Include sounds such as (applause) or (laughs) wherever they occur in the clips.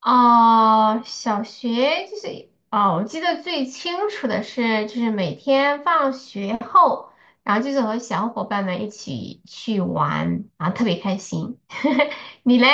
哦，小学就是我记得最清楚的是，就是每天放学后，然后就是和小伙伴们一起去玩，然后特别开心。(laughs) 你嘞？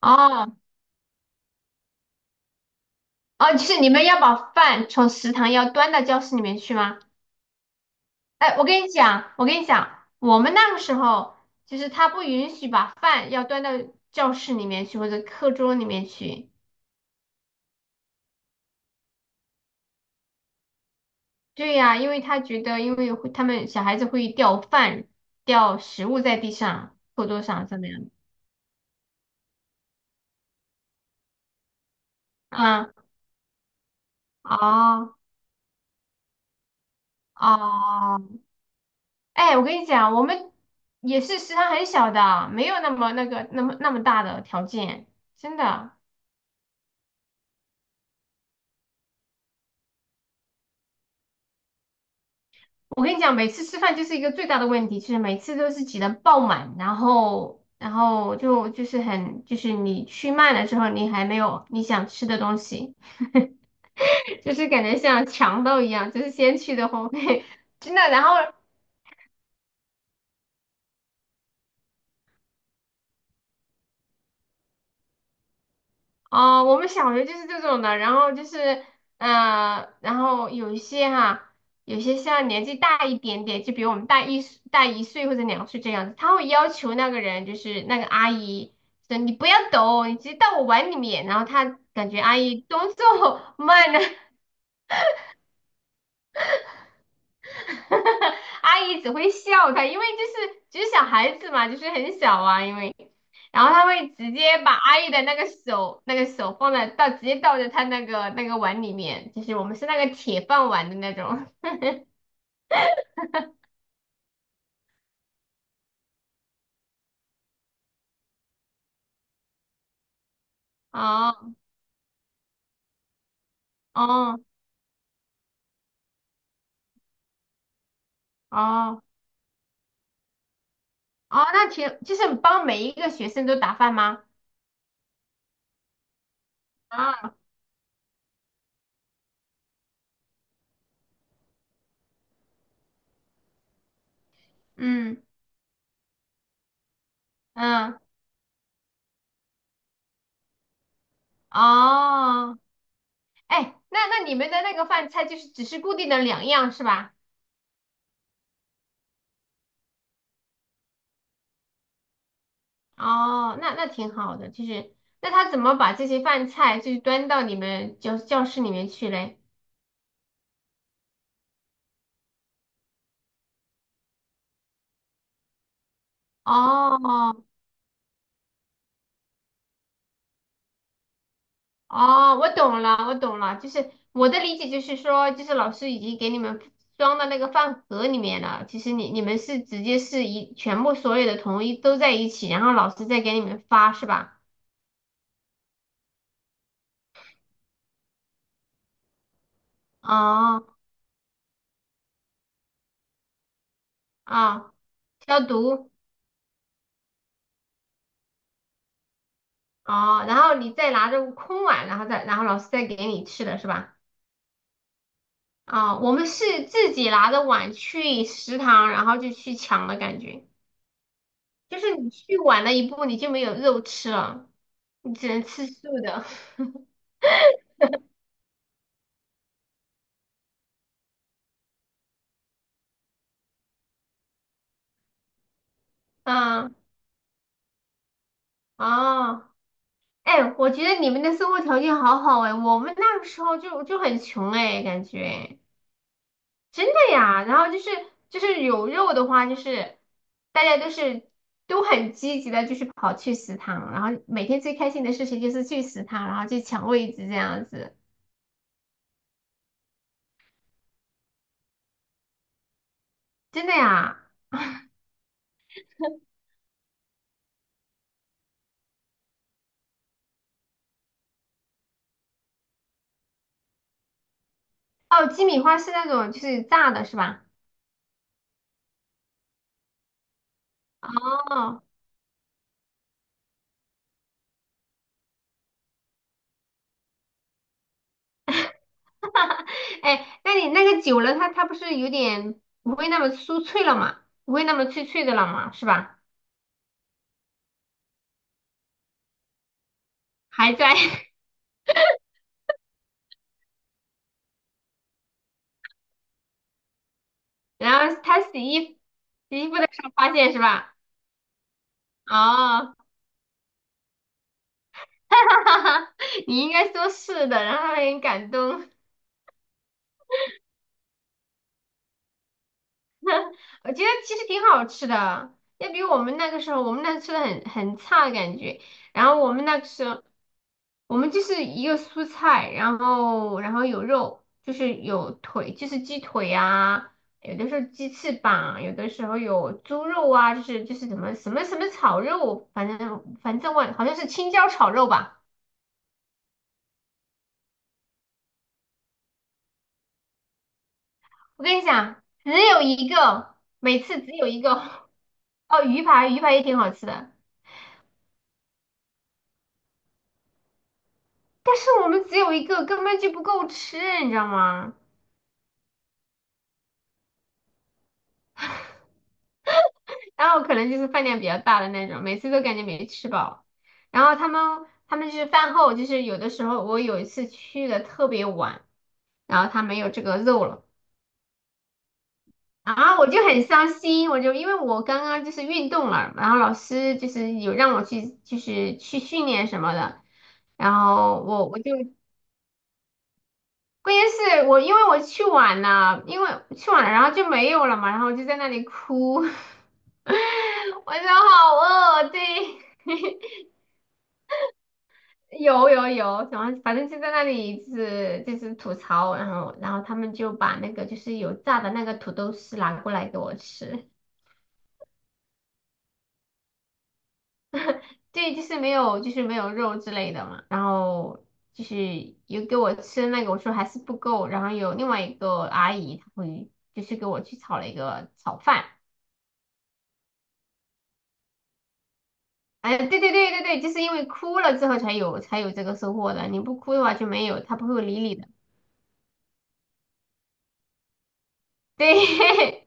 哦哦，就是你们要把饭从食堂要端到教室里面去吗？哎，我跟你讲，我们那个时候就是他不允许把饭要端到教室里面去或者课桌里面去。对呀，因为他觉得，因为会他们小孩子会掉饭、掉食物在地上、课桌上怎么样。啊啊啊！哎，我跟你讲，我们也是食堂很小的，没有那么那个那么那么大的条件，真的。我跟你讲，每次吃饭就是一个最大的问题，就是每次都是挤得爆满，然后就就是很就是你去慢了之后，你还没有你想吃的东西。就是感觉像强盗一样，就是先去的后会，(laughs) 真的。然后，哦、我们小学就是这种的。然后就是，嗯，然后有一些哈，有些像年纪大一点点，就比我们大一岁或者两岁这样子，他会要求那个人，就是那个阿姨，说你不要抖，你直接到我碗里面。然后他感觉阿姨动作 (laughs) 慢了，(laughs) 阿姨只会笑他，因为就是小孩子嘛，就是很小啊，因为，然后他会直接把阿姨的那个手放在倒，直接倒在他那个碗里面，就是我们是那个铁饭碗的那种。(laughs) 哦哦哦哦，那挺就是帮每一个学生都打饭吗？啊，嗯嗯，哦，哎，那你们的那个饭菜就是只是固定的两样是吧？哦，那挺好的，就是那他怎么把这些饭菜就是端到你们教室里面去嘞？哦哦，我懂了，我懂了，就是我的理解就是说，就是老师已经给你们装到那个饭盒里面了，其实你们是直接是一全部所有的统一都在一起，然后老师再给你们发是吧？哦啊，消毒哦，然后你再拿着空碗，然后再然后老师再给你吃的是吧？啊，我们是自己拿着碗去食堂，然后就去抢的感觉，就是你去晚了一步，你就没有肉吃了，你只能吃素的。(laughs) 啊啊，哎，我觉得你们的生活条件好好哎，我们那个时候就很穷哎，感觉真的呀。然后就是有肉的话，就是大家都是都很积极的，就是跑去食堂，然后每天最开心的事情就是去食堂，然后去抢位置这样子，真的呀。哦，鸡米花是那种就是炸的，是吧？哦，哎，那你那个久了，它不是有点不会那么酥脆了嘛？不会那么脆脆的了嘛？是吧？还在，(laughs) 然后他洗衣服的时候发现是吧？哦，(laughs) 哈哈哈你应该说是的，然后他很感动。我觉得其实挺好吃的，要比我们那个时候，我们那吃的很差的感觉。然后我们那个时候。我们就是一个蔬菜，然后有肉，就是有腿，就是鸡腿啊，有的时候鸡翅膀，有的时候有猪肉啊，就是什么炒肉，反正我好像是青椒炒肉吧。我跟你讲，只有一个，每次只有一个。哦，鱼排，鱼排也挺好吃的，但是我们只有一个，根本就不够吃，你知道吗？然后可能就是饭量比较大的那种，每次都感觉没吃饱。然后他们就是饭后，就是有的时候我有一次去的特别晚，然后他没有这个肉了，然后我就很伤心，我就因为我刚刚就是运动了，然后老师就是有让我去就是去训练什么的，然后我就关键是我因为我去晚了，因为去晚了，然后就没有了嘛，然后我就在那里哭，(laughs) 我说好饿，对。(laughs) 有，然后反正就在那里就是吐槽，然后他们就把那个就是有炸的那个土豆丝拿过来给我吃，对，就是没有就是没有肉之类的嘛，然后就是有给我吃那个，我说还是不够，然后有另外一个阿姨她会就是给我去炒了一个炒饭，哎，对对对对对，就是因为哭了之后才有这个收获的，你不哭的话就没有，她不会理你的，对。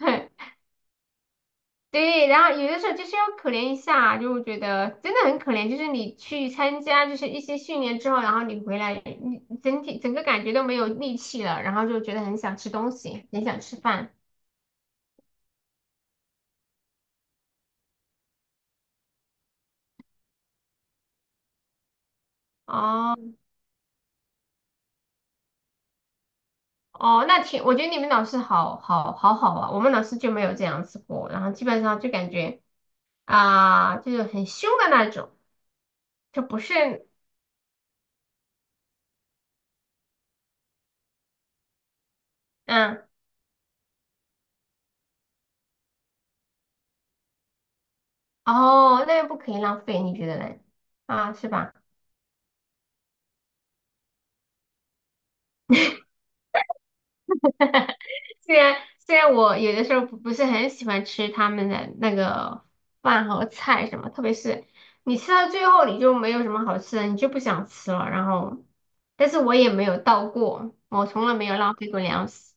(laughs) 对，然后有的时候就是要可怜一下，就我觉得真的很可怜。就是你去参加就是一些训练之后，然后你回来，你整个感觉都没有力气了，然后就觉得很想吃东西，很想吃饭。哦哦，那挺，我觉得你们老师好好好好啊，我们老师就没有这样子过，然后基本上就感觉啊、就是很凶的那种，就不是嗯哦，那又不可以浪费，你觉得呢？啊，是吧？(laughs) 虽然我有的时候不是很喜欢吃他们的那个饭和菜什么，特别是你吃到最后你就没有什么好吃的，你就不想吃了。然后，但是我也没有倒过，我从来没有浪费过粮食。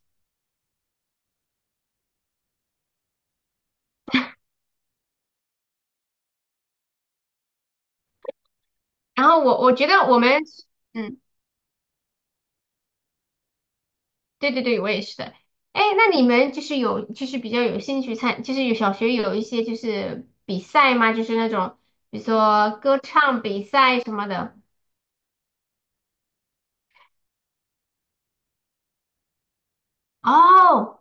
然后我觉得我们，嗯，对对对，我也是的。哎，那你们就是有就是比较有兴趣参，就是有小学有一些就是比赛吗？就是那种比如说歌唱比赛什么的。哦。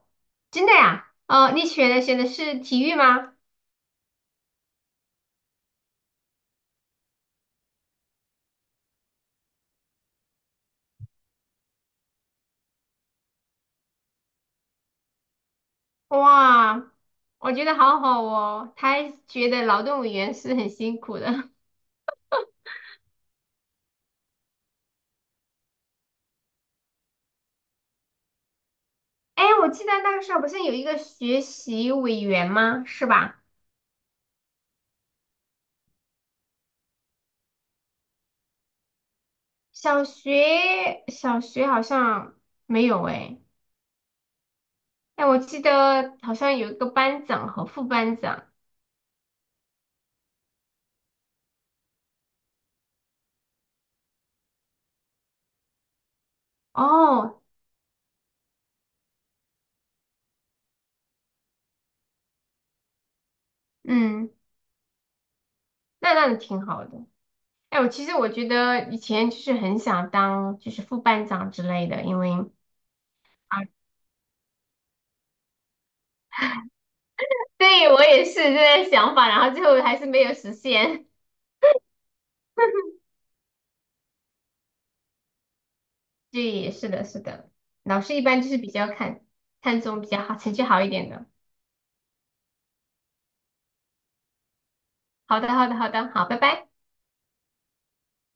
真的呀？哦，你选的是体育吗？哇，我觉得好好哦。他还觉得劳动委员是很辛苦的。(laughs) 哎，我记得那个时候不是有一个学习委员吗？是吧？小学好像没有哎。哎，我记得好像有一个班长和副班长。哦，嗯，那挺好的。哎，我其实我觉得以前就是很想当就是副班长之类的，因为。对，我也是这个想法，然后最后还是没有实现。(laughs) 对，是的，是的，老师一般就是比较看重比较好，成绩好一点的。好的，好的，好的，好，拜拜。